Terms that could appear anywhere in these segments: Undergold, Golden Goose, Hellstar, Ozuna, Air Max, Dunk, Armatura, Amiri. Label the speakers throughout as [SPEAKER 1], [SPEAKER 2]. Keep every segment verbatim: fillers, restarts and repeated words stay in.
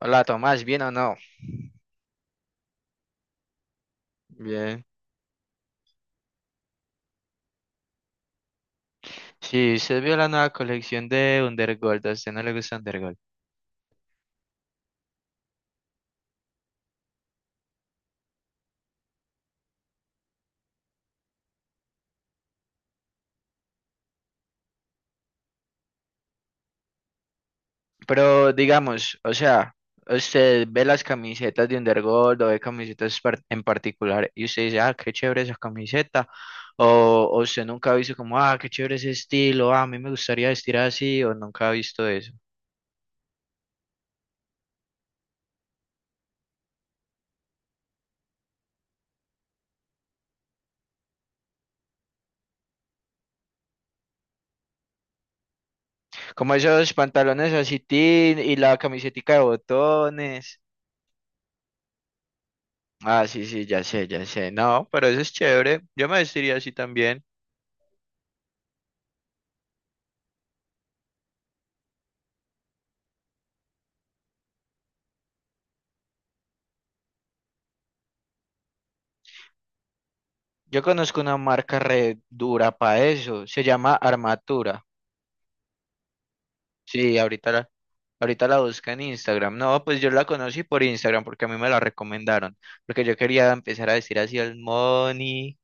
[SPEAKER 1] Hola Tomás, ¿bien o no? Bien. Sí, usted vio la nueva colección de Undergold, a usted no le gusta Undergold. Pero digamos, o sea, usted ve las camisetas de Undergold o ve camisetas par- en particular y usted dice, ah, qué chévere esa camiseta. O, o usted nunca ha visto como, ah, qué chévere ese estilo, ah, a mí me gustaría vestir así, o nunca ha visto eso. Como esos pantalones así, tin, y la camisetica de botones. Ah, sí, sí, ya sé, ya sé. No, pero eso es chévere. Yo me vestiría así también. Yo conozco una marca re dura para eso, se llama Armatura. Sí, ahorita la, ahorita la busca en Instagram. No, pues yo la conocí por Instagram porque a mí me la recomendaron, porque yo quería empezar a vestir así el money,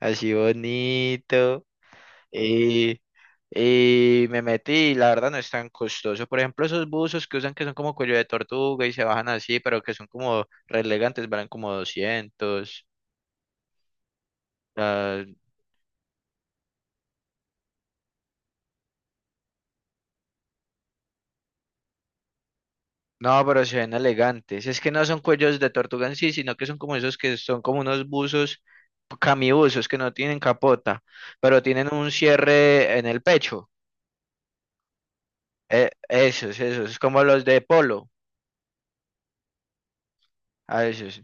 [SPEAKER 1] así bonito, y, y me metí, y la verdad no es tan costoso. Por ejemplo, esos buzos que usan que son como cuello de tortuga y se bajan así, pero que son como re elegantes, valen como doscientos. No, pero se ven elegantes. Es que no son cuellos de tortuga en sí, sino que son como esos que son como unos buzos, camibuzos, que no tienen capota, pero tienen un cierre en el pecho. Eh, esos, esos, como los de polo, a veces.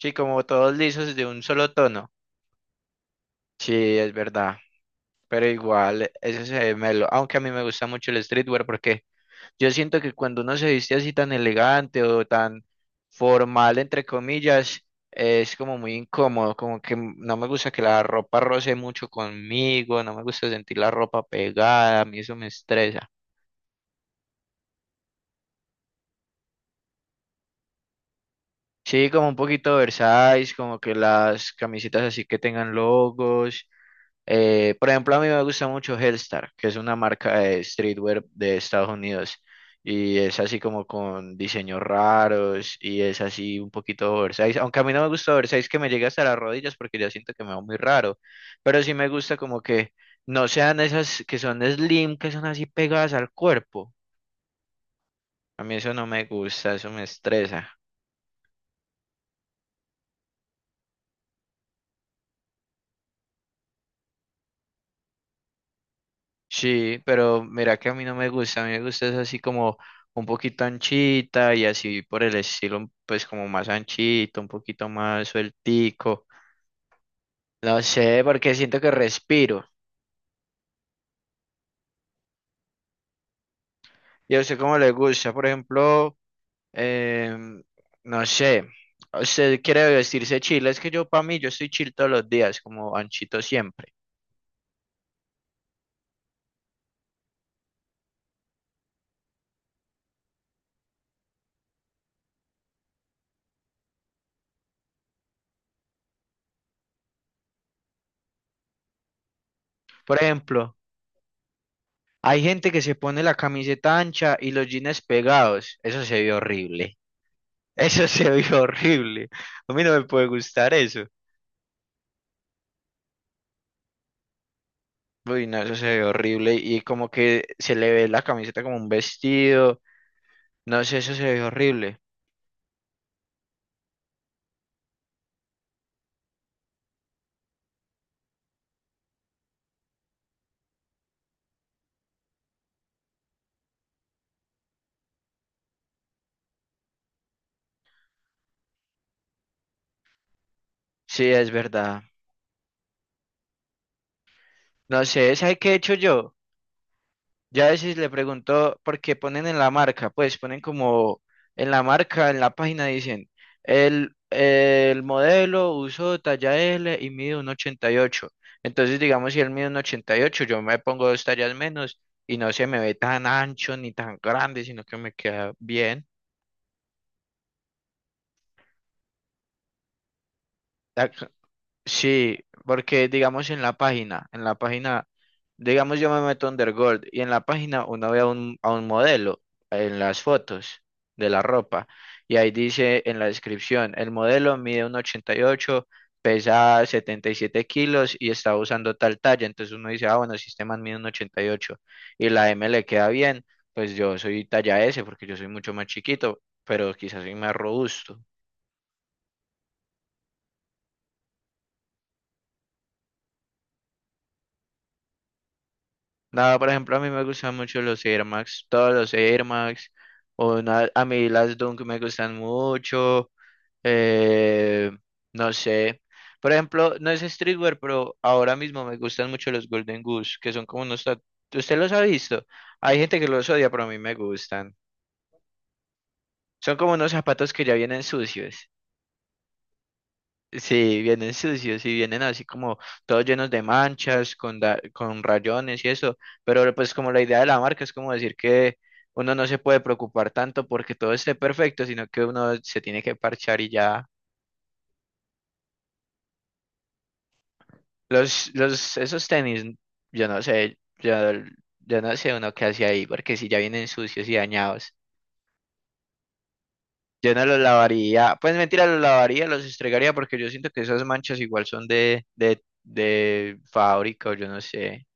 [SPEAKER 1] Sí, como todos lisos de un solo tono. Sí, es verdad. Pero igual, ese se ve melo. Aunque a mí me gusta mucho el streetwear porque yo siento que cuando uno se viste así tan elegante o tan formal, entre comillas, es como muy incómodo, como que m- no me gusta que la ropa roce mucho conmigo, no me gusta sentir la ropa pegada, a mí eso me estresa. Sí, como un poquito oversize, como que las camisetas así que tengan logos. Eh, por ejemplo, a mí me gusta mucho Hellstar, que es una marca de streetwear de Estados Unidos. Y es así como con diseños raros y es así un poquito oversize. Aunque a mí no me gusta oversize que me llegue hasta las rodillas porque ya siento que me va muy raro. Pero sí me gusta como que no sean esas que son slim, que son así pegadas al cuerpo. A mí eso no me gusta, eso me estresa. Sí, pero mira que a mí no me gusta, a mí me gusta es así como un poquito anchita y así por el estilo, pues como más anchito, un poquito más sueltico. No sé, porque siento que respiro. ¿Y a usted cómo le gusta? Por ejemplo, em, no sé, usted quiere vestirse chill, es que yo para mí, yo estoy chill todos los días, como anchito siempre. Por ejemplo, hay gente que se pone la camiseta ancha y los jeans pegados, eso se ve horrible. Eso se ve horrible. A mí no me puede gustar eso. Uy, no, eso se ve horrible. Y como que se le ve la camiseta como un vestido. No sé, eso se ve horrible. Sí, es verdad. No sé, ¿sabe qué he hecho yo? Ya a veces le pregunto, porque ponen en la marca, pues ponen como en la marca, en la página dicen, el, el modelo usó talla L y mide un ochenta y ocho. Entonces, digamos, si él mide un ochenta y ocho, yo me pongo dos tallas menos y no se me ve tan ancho ni tan grande, sino que me queda bien. Sí, porque digamos en la página, en la página, digamos yo me meto a Undergold y en la página uno ve a un, a un modelo en las fotos de la ropa y ahí dice en la descripción, el modelo mide uno ochenta y ocho, pesa setenta y siete kilos y está usando tal talla, entonces uno dice, ah, bueno, si este man mide uno ochenta y ocho y ocho y la M le queda bien, pues yo soy talla S porque yo soy mucho más chiquito, pero quizás soy más robusto. Nada, por ejemplo, a mí me gustan mucho los Air Max, todos los Air Max, o na- a mí las Dunk me gustan mucho, eh, no sé. Por ejemplo, no es streetwear, pero ahora mismo me gustan mucho los Golden Goose, que son como unos... ta- ¿Usted los ha visto? Hay gente que los odia, pero a mí me gustan. Son como unos zapatos que ya vienen sucios. Sí, vienen sucios y vienen así como todos llenos de manchas, con, da- con rayones y eso, pero pues como la idea de la marca es como decir que uno no se puede preocupar tanto porque todo esté perfecto, sino que uno se tiene que parchar y ya. Los, los, esos tenis, yo no sé, yo, yo no sé uno qué hace ahí, porque si ya vienen sucios y dañados, yo no los lavaría, pues mentira, los lavaría, los estregaría porque yo siento que esas manchas igual son de, de, de fábrica o yo no sé.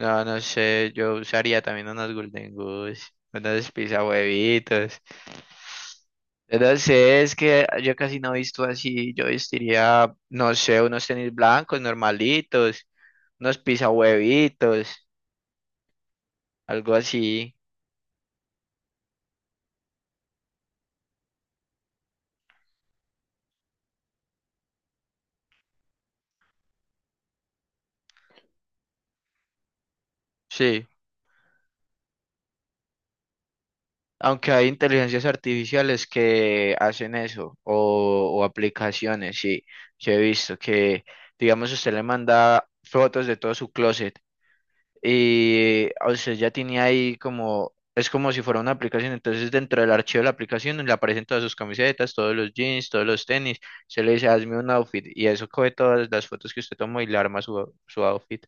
[SPEAKER 1] No, no sé, yo usaría también unos Golden Goose, unos pizza huevitos. No sé, es que yo casi no he visto así. Yo vestiría, no sé, unos tenis blancos normalitos, unos pizza huevitos, algo así. Sí, aunque hay inteligencias artificiales que hacen eso, o, o aplicaciones, sí. Yo he visto que, digamos, usted le manda fotos de todo su closet, y o sea, ya tenía ahí como, es como si fuera una aplicación, entonces dentro del archivo de la aplicación le aparecen todas sus camisetas, todos los jeans, todos los tenis, se le dice, hazme un outfit, y eso coge todas las fotos que usted tomó y le arma su, su outfit.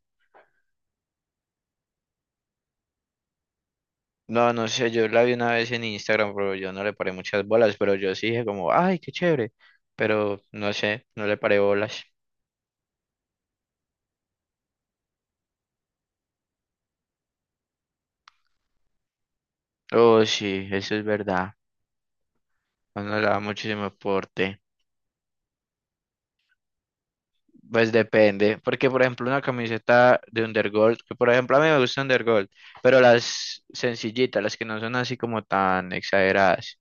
[SPEAKER 1] No, no sé, yo la vi una vez en Instagram, pero yo no le paré muchas bolas, pero yo sí dije como, ay, qué chévere, pero no sé, no le paré bolas. Oh, sí, eso es verdad, uno le da muchísimo aporte. Pues depende, porque por ejemplo una camiseta de Undergold, que por ejemplo a mí me gusta Undergold, pero las sencillitas, las que no son así como tan exageradas.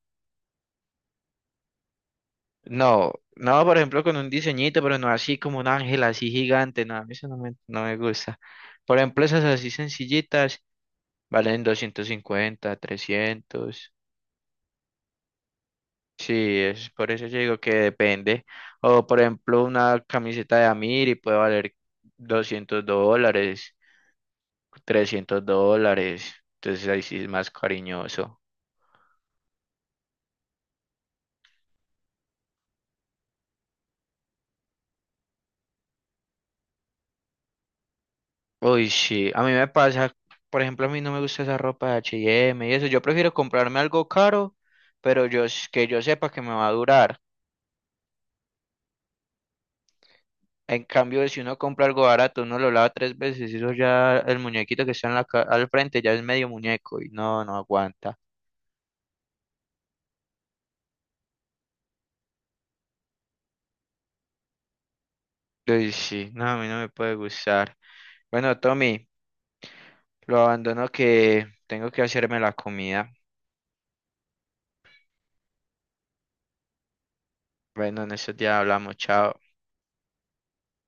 [SPEAKER 1] No, no, por ejemplo con un diseñito, pero no así como un ángel así gigante, no, a mí eso no me, no me gusta. Por ejemplo esas así sencillitas valen doscientos cincuenta trescientos. Sí, es por eso yo digo que depende. O por ejemplo una camiseta de Amiri puede valer doscientos dólares. Trescientos dólares. Entonces ahí sí es más cariñoso. Uy, sí, a mí me pasa, por ejemplo, a mí no me gusta esa ropa de H y M y M y eso. Yo prefiero comprarme algo caro, pero yo s- que yo sepa que me va a durar. En cambio, si uno compra algo barato, uno lo lava tres veces y eso ya, el muñequito que está en la ca- al frente ya es medio muñeco y no, no aguanta. Uy, sí, no, a mí no me puede gustar. Bueno, Tommy, lo abandono que tengo que hacerme la comida. Bueno, en estos días hablamos, chao.